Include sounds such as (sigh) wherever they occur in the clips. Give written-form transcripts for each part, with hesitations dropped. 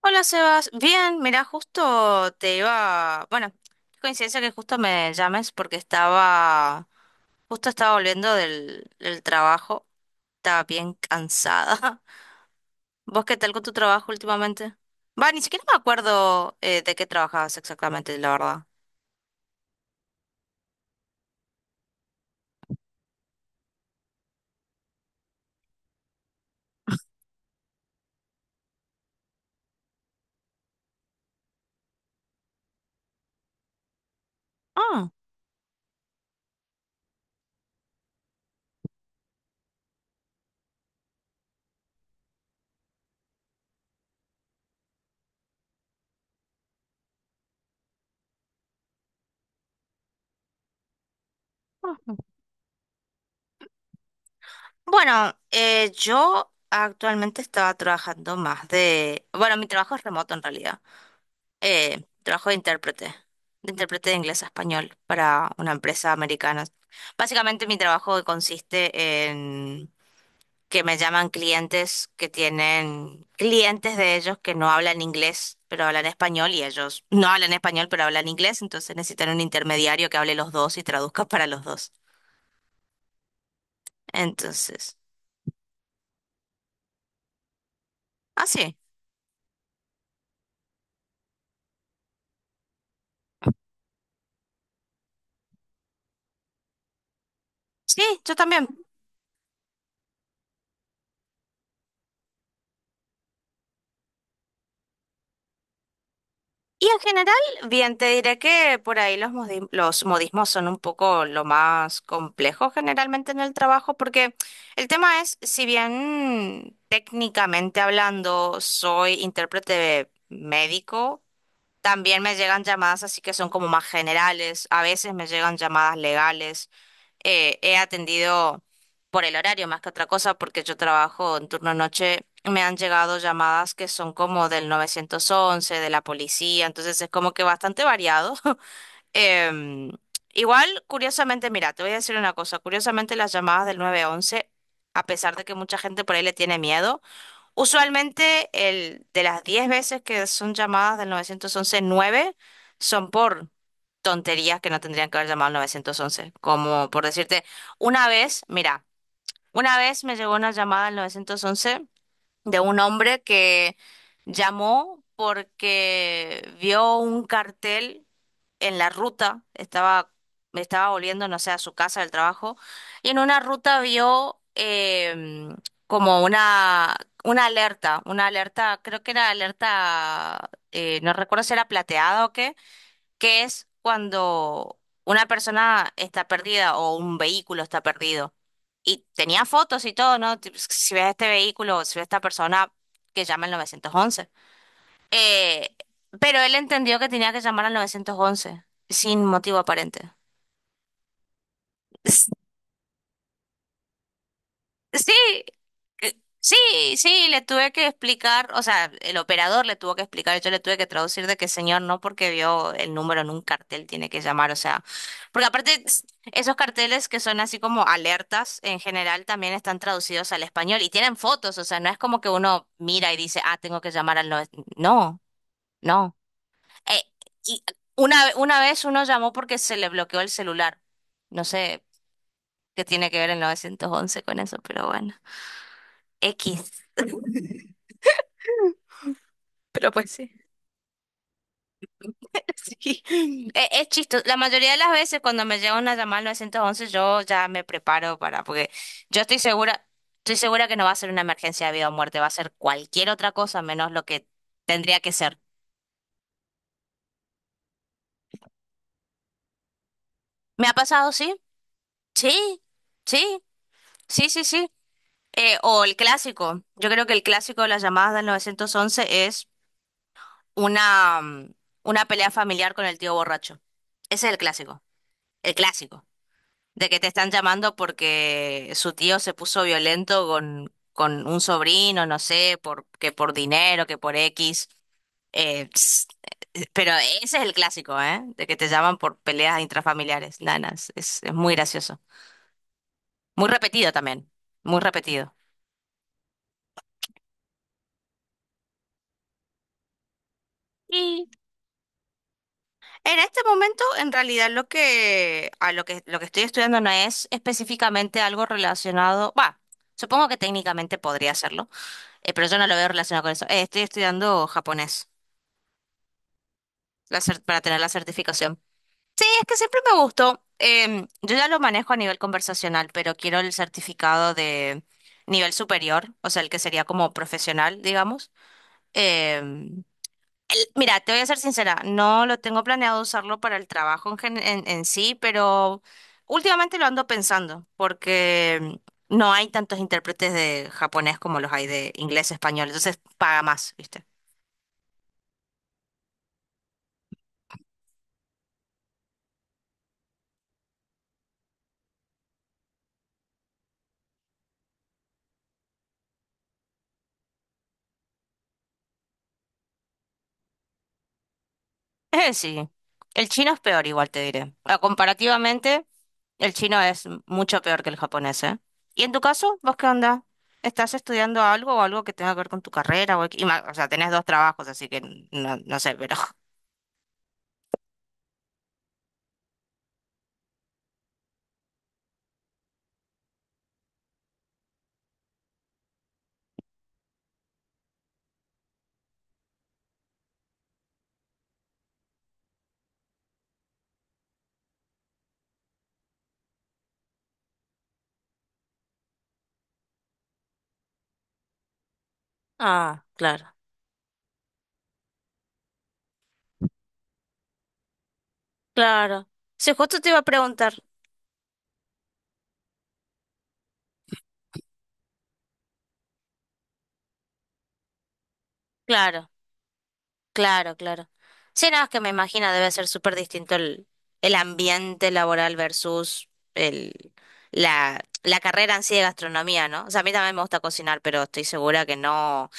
Hola Sebas, bien, mira, justo te iba, bueno, qué coincidencia que justo me llames porque estaba, justo estaba volviendo del trabajo, estaba bien cansada. (laughs) ¿Vos qué tal con tu trabajo últimamente? Va, ni siquiera me acuerdo de qué trabajabas exactamente, la verdad. Ah, bueno, yo actualmente estaba trabajando más de, bueno, mi trabajo es remoto en realidad. Trabajo de intérprete, de intérprete de inglés a español para una empresa americana. Básicamente mi trabajo consiste en que me llaman clientes que tienen clientes de ellos que no hablan inglés, pero hablan español y ellos no hablan español, pero hablan inglés, entonces necesitan un intermediario que hable los dos y traduzca para los dos. Entonces, ah, sí, sí, yo también. Y en general, bien, te diré que por ahí los, los modismos son un poco lo más complejo generalmente en el trabajo, porque el tema es, si bien técnicamente hablando soy intérprete médico, también me llegan llamadas así que son como más generales, a veces me llegan llamadas legales. He atendido por el horario más que otra cosa porque yo trabajo en turno noche. Me han llegado llamadas que son como del 911, de la policía, entonces es como que bastante variado. (laughs) Em, Igual, curiosamente, mira, te voy a decir una cosa, curiosamente las llamadas del 911, a pesar de que mucha gente por ahí le tiene miedo, usualmente el, de las 10 veces que son llamadas del nueve once, nueve son por tonterías que no tendrían que haber llamado al nueve once. Como por decirte, una vez, mira, una vez me llegó una llamada al nueve once de un hombre que llamó porque vio un cartel en la ruta, estaba, me estaba volviendo, no sé, a su casa del trabajo, y en una ruta vio como una alerta, creo que era alerta, no recuerdo si era plateada o qué, que es cuando una persona está perdida o un vehículo está perdido. Y tenía fotos y todo, ¿no? Tipo, si ves este vehículo, si ves esta persona, que llama al nueve once, eh, pero él entendió que tenía que llamar al 911 sin motivo aparente. S- Sí, eh, sí, sí, le tuve que explicar, o sea, el operador le tuvo que explicar, yo le tuve que traducir de que señor no porque vio el número en un cartel tiene que llamar, o sea, porque aparte esos carteles que son así como alertas en general también están traducidos al español y tienen fotos, o sea, no es como que uno mira y dice, ah, tengo que llamar al 911, no, no. eh, y una vez uno llamó porque se le bloqueó el celular. No sé qué tiene que ver el 911 con eso, pero bueno. X. (laughs) Pero pues sí. (laughs) Sí. Es chistoso. La mayoría de las veces cuando me llega una llamada al 911 yo ya me preparo para, porque yo estoy segura que no va a ser una emergencia de vida o muerte, va a ser cualquier otra cosa menos lo que tendría que ser. ¿Me ha pasado? Sí, sí, sí, sí, sí, sí. O el clásico. Yo creo que el clásico de las llamadas del 911 es una, una pelea familiar con el tío borracho. Ese es el clásico. El clásico. De que te están llamando porque su tío se puso violento con un sobrino, no sé, por, que por dinero, que por X. Eh, ps, pero ese es el clásico, ¿eh? De que te llaman por peleas intrafamiliares. Nanas. Es muy gracioso. Muy repetido también. Muy repetido. En este momento, en realidad, lo que, a lo que estoy estudiando no es específicamente algo relacionado, va, supongo que técnicamente podría hacerlo, pero yo no lo veo relacionado con eso. Estoy estudiando japonés para tener la certificación. Y es que siempre me gustó, yo ya lo manejo a nivel conversacional, pero quiero el certificado de nivel superior, o sea, el que sería como profesional, digamos. Em, Mira, te voy a ser sincera, no lo tengo planeado usarlo para el trabajo en, en sí, pero últimamente lo ando pensando porque no hay tantos intérpretes de japonés como los hay de inglés, español, entonces paga más, ¿viste? (laughs) Sí, el chino es peor, igual te diré. Ah, comparativamente, el chino es mucho peor que el japonés, ¿eh? ¿Y en tu caso, vos qué onda? ¿Estás estudiando algo o algo que tenga que ver con tu carrera? O sea, tenés dos trabajos, así que no, no sé, pero... (laughs) Ah, claro. Claro. Sí, justo te iba a preguntar. Claro, claro, claro. Sí, nada, es que me imagino debe ser súper distinto el ambiente laboral versus el, la carrera en sí de gastronomía, ¿no? O sea, a mí también me gusta cocinar, pero estoy segura que no,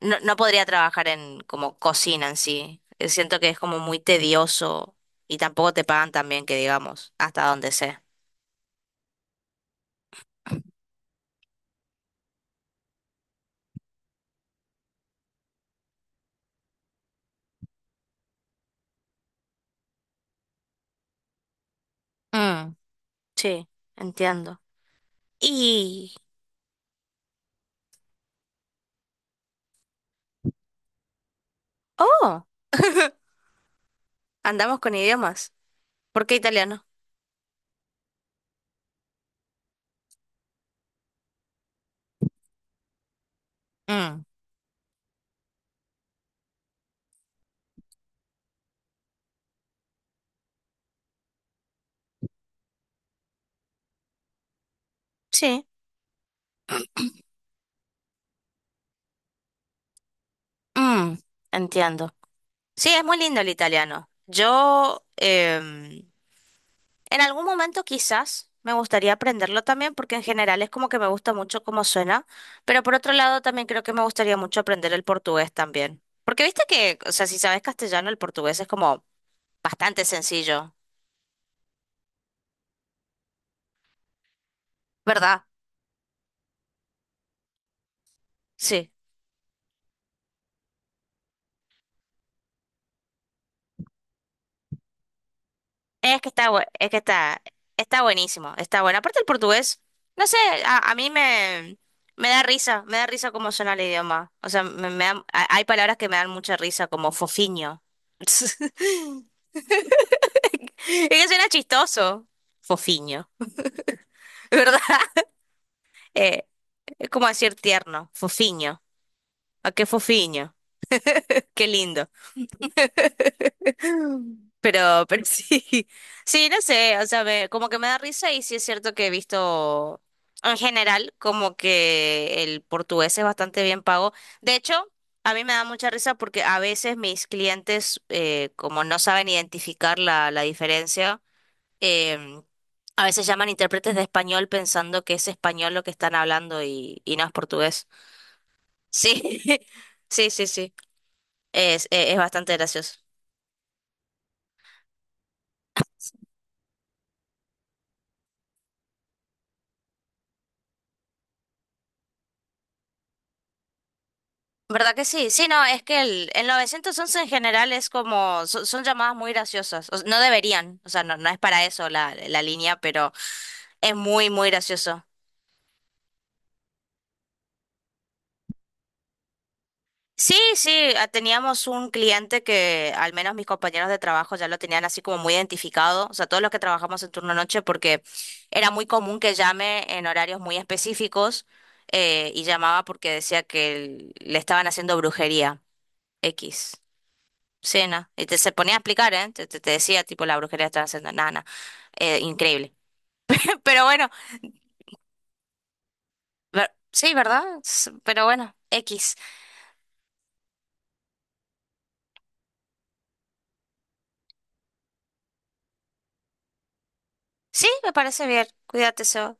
no, no podría trabajar en como cocina en sí. Siento que es como muy tedioso y tampoco te pagan tan bien que digamos, hasta donde sé. Mm, sí, entiendo. Y... Oh, andamos con idiomas. ¿Por qué italiano? Mm, Sí, mm, entiendo. Sí, es muy lindo el italiano. Yo en algún momento quizás me gustaría aprenderlo también porque en general es como que me gusta mucho cómo suena, pero por otro lado también creo que me gustaría mucho aprender el portugués también. Porque viste que, o sea, si sabes castellano, el portugués es como bastante sencillo, ¿verdad? Sí. Es que está, es que está, está buenísimo, está bueno. Aparte el portugués, no sé, a mí me, me da risa cómo suena el idioma. O sea, me, hay palabras que me dan mucha risa, como fofiño. (laughs) Es que suena chistoso. Fofiño, (laughs) ¿verdad? Eh, es como decir tierno, fofiño. ¿A qué fofiño? Qué lindo. Pero (laughs) sí, sí, no sé, o sea, como que me da risa y sí es cierto que he visto en general como que el portugués es bastante bien pago. De hecho, a mí me da mucha risa porque a veces mis clientes, como no saben identificar la diferencia, em, a veces llaman intérpretes de español pensando que es español lo que están hablando y no es portugués. Sí, (laughs) sí, sí, sí, es bastante gracioso. ¿Verdad que sí? Sí, no, es que el 911 en general es como, son, son llamadas muy graciosas. O no deberían, o sea, no, no es para eso la línea, pero es muy, muy gracioso. Sí, sí, ah, teníamos un cliente que al menos mis compañeros de trabajo ya lo tenían así como muy identificado, o sea, todos los que trabajamos en turno noche, porque era muy común que llame en horarios muy específicos, y llamaba porque decía que le estaban haciendo brujería X. Sí, no. Y te se ponía a explicar, ¿eh? Te, te decía, tipo, la brujería está haciendo nana. Increíble. (laughs) Pero bueno, sí, ¿verdad? Pero bueno, X. Sí, me parece bien. Cuídate, Seba.